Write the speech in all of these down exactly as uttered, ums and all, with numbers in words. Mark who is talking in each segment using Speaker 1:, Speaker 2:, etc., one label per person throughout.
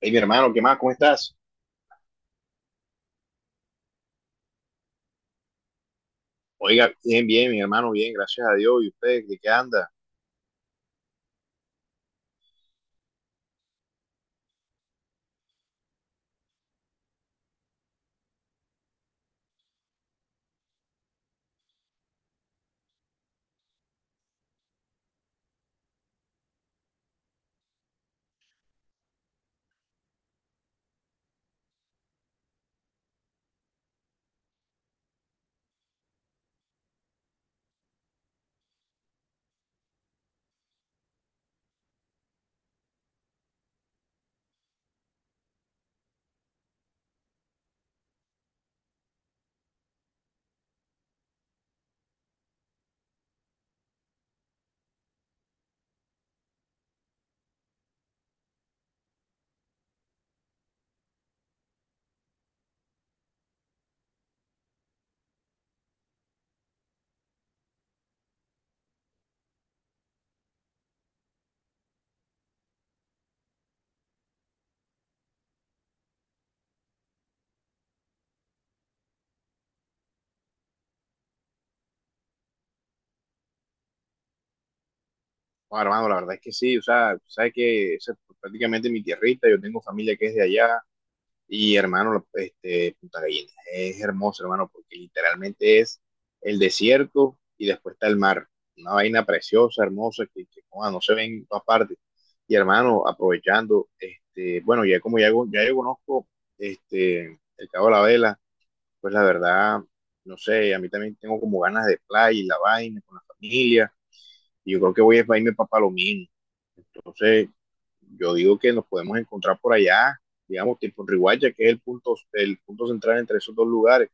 Speaker 1: Hey, mi hermano, ¿qué más? ¿Cómo estás? Oiga, bien, bien, mi hermano, bien, gracias a Dios. ¿Y usted, de qué anda? Bueno, hermano, la verdad es que sí, o sea, sabes que esa es prácticamente mi tierrita, yo tengo familia que es de allá, y hermano, la- este, Punta Gallinas es hermoso, hermano, porque literalmente es el desierto y después está el mar, una vaina preciosa, hermosa, que, que, joda, no se ven en todas partes. Y hermano, aprovechando, este, bueno, ya como ya, ya yo conozco este, el Cabo de la Vela, pues la verdad, no sé, a mí también tengo como ganas de playa y la vaina con la familia, y yo creo que voy a irme para Palomino. Entonces, yo digo que nos podemos encontrar por allá, digamos, tipo en Riguacha, que es el punto, el punto, central entre esos dos lugares.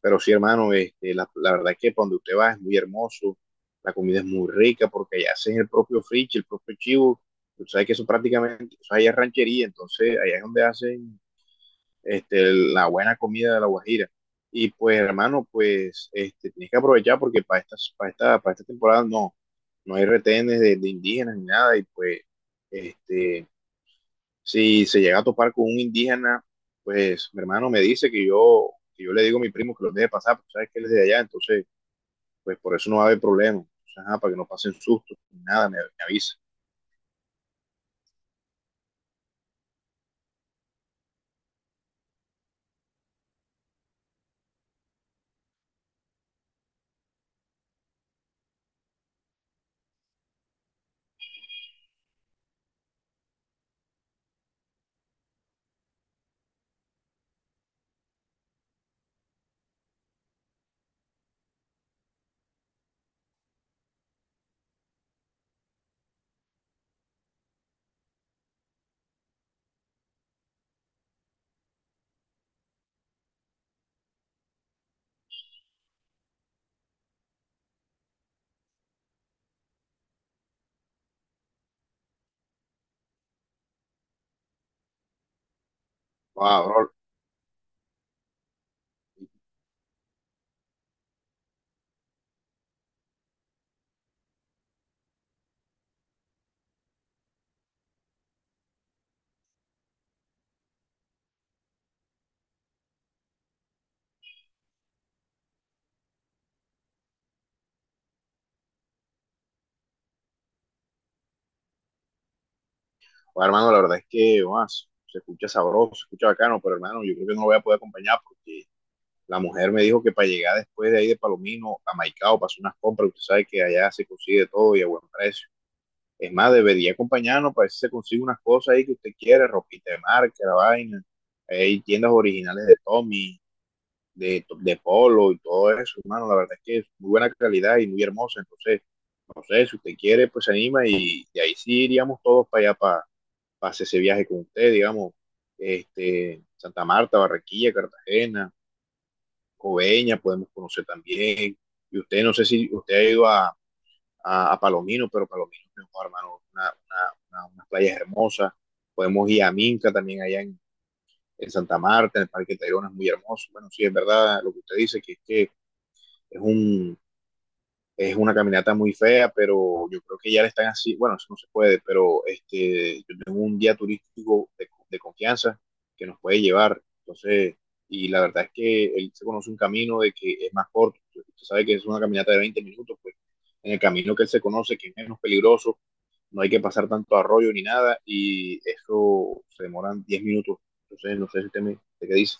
Speaker 1: Pero sí, hermano, este, la, la verdad es que para donde usted va es muy hermoso, la comida es muy rica, porque allá hacen el propio friche, el propio chivo. Tú sabes que eso prácticamente, eso allá es ranchería, entonces allá es donde hacen este, la buena comida de la Guajira. Y pues, hermano, pues, este, tienes que aprovechar porque para estas, para esta, para esta temporada no, no hay retenes de, de indígenas ni nada. Y pues, este, si se llega a topar con un indígena, pues, mi hermano me dice que yo, que yo le digo a mi primo que los deje pasar, porque sabes que él es de allá, entonces, pues, por eso no va a haber problema. Entonces, ajá, para que no pasen sustos ni nada, me, me avisa. Wow, bro. Wow, hermano, la verdad es que, más se escucha sabroso, se escucha bacano, pero hermano, yo creo que no lo voy a poder acompañar porque la mujer me dijo que para llegar después de ahí de Palomino a Maicao, pasó unas compras, usted sabe que allá se consigue todo y a buen precio. Es más, debería acompañarnos para ver si se consigue unas cosas ahí que usted quiere, ropita de marca, la vaina. Hay tiendas originales de Tommy, de, de Polo y todo eso, hermano. La verdad es que es muy buena calidad y muy hermosa. Entonces, no sé, si usted quiere, pues se anima y, y ahí sí iríamos todos para allá, para, para hacer ese viaje con usted, digamos, este, Santa Marta, Barranquilla, Cartagena, Coveña podemos conocer también. Y usted, no sé si usted ha ido a, a, a Palomino, pero Palomino es mejor, hermano, una, una, una, unas playas hermosas. Podemos ir a Minca también allá en, en Santa Marta, en el Parque Tayrona es muy hermoso. Bueno, sí, es verdad lo que usted dice, que es que es un, es una caminata muy fea, pero yo creo que ya le están así, bueno, eso no se puede, pero este, yo tengo un guía turístico de, de confianza que nos puede llevar, entonces, y la verdad es que él se conoce un camino de que es más corto, usted sabe que es una caminata de veinte minutos, pues en el camino que él se conoce, que es menos peligroso, no hay que pasar tanto arroyo ni nada, y eso se demoran diez minutos, entonces, no sé si usted, me, usted qué dice.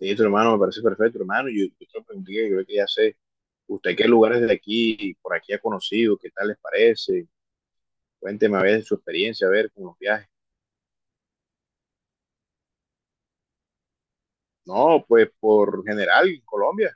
Speaker 1: Listo, hermano, me parece perfecto, hermano. Yo, yo te lo pregunté, yo creo que ya sé. ¿Usted qué lugares de aquí, por aquí ha conocido? ¿Qué tal les parece? Cuénteme a ver su experiencia, a ver con los viajes. No, pues por general, en Colombia.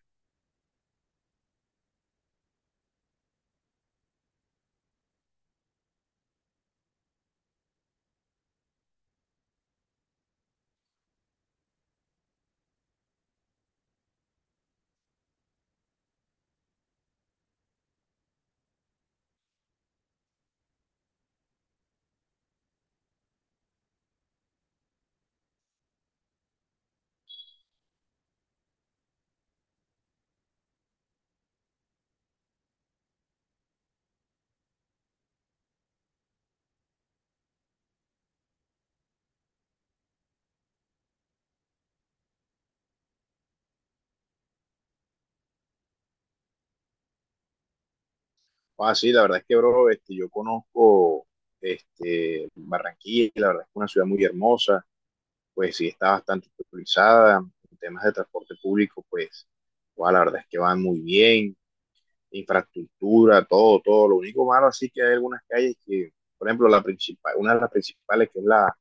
Speaker 1: Ah, sí, la verdad es que, bro, este, yo conozco este, Barranquilla, y la verdad es que es una ciudad muy hermosa, pues sí, está bastante utilizada. En temas de transporte público, pues, guau, la verdad es que van muy bien. Infraestructura, todo, todo. Lo único malo así que hay algunas calles que, por ejemplo, la principal, una de las principales que es la,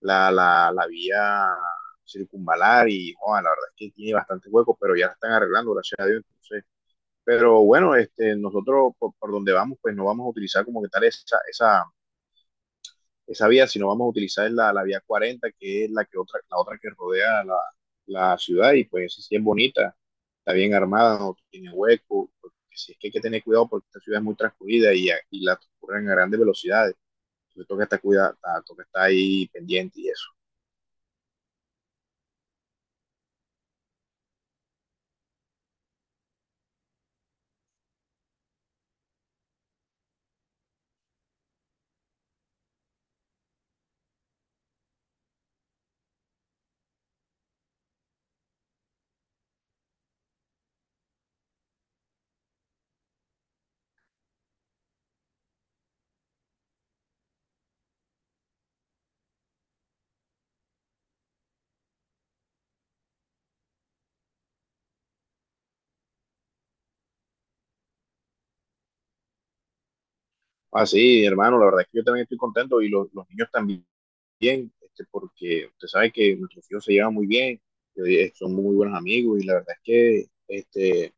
Speaker 1: la, la, la vía circunvalar y joder, la verdad es que tiene bastante hueco, pero ya la están arreglando, gracias a Dios. Entonces, pero bueno, este, nosotros por, por, donde vamos, pues no vamos a utilizar como que tal esa, esa, esa vía, si no vamos a utilizar es la, la vía cuarenta, que es la que otra, la otra que rodea la, la ciudad, y pues esa sí es bonita, está bien armada, no tiene hueco, porque si es que hay que tener cuidado porque esta ciudad es muy transcurrida y, y la transcurren a grandes velocidades, entonces toca estar, cuidado, toca estar ahí pendiente y eso. Ah, sí, hermano, la verdad es que yo también estoy contento y los, los niños también, este, porque usted sabe que nuestros hijos se llevan muy bien, eh, son muy buenos amigos y la verdad es que este,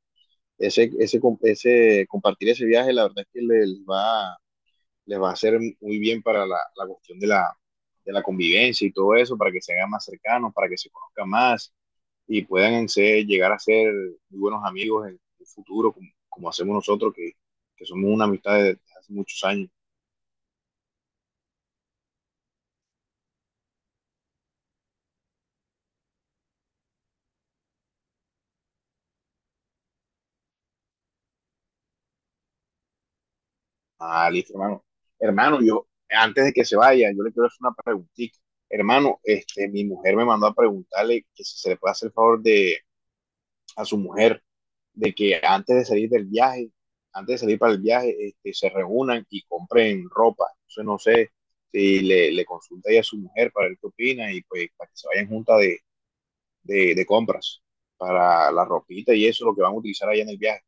Speaker 1: ese, ese, com- ese, compartir ese viaje, la verdad es que les va, les va a hacer muy bien para la, la cuestión de la, de la convivencia y todo eso, para que se hagan más cercanos, para que se conozcan más y puedan ser, llegar a ser muy buenos amigos en el futuro, como, como hacemos nosotros, que, que, somos una amistad de, de hace muchos años. Ah, listo, hermano. Hermano, yo, antes de que se vaya, yo le quiero hacer una preguntita. Hermano, este, mi mujer me mandó a preguntarle que si se le puede hacer el favor de, a su mujer de que antes de salir del viaje, antes de salir para el viaje, este, se reúnan y compren ropa. Entonces no sé si le, le consulta ahí a su mujer para ver qué opina y pues para que se vayan juntas de, de, de compras para la ropita y eso, lo que van a utilizar allá en el viaje.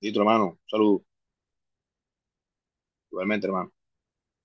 Speaker 1: Listo, hermano. Saludos. Igualmente, hermano.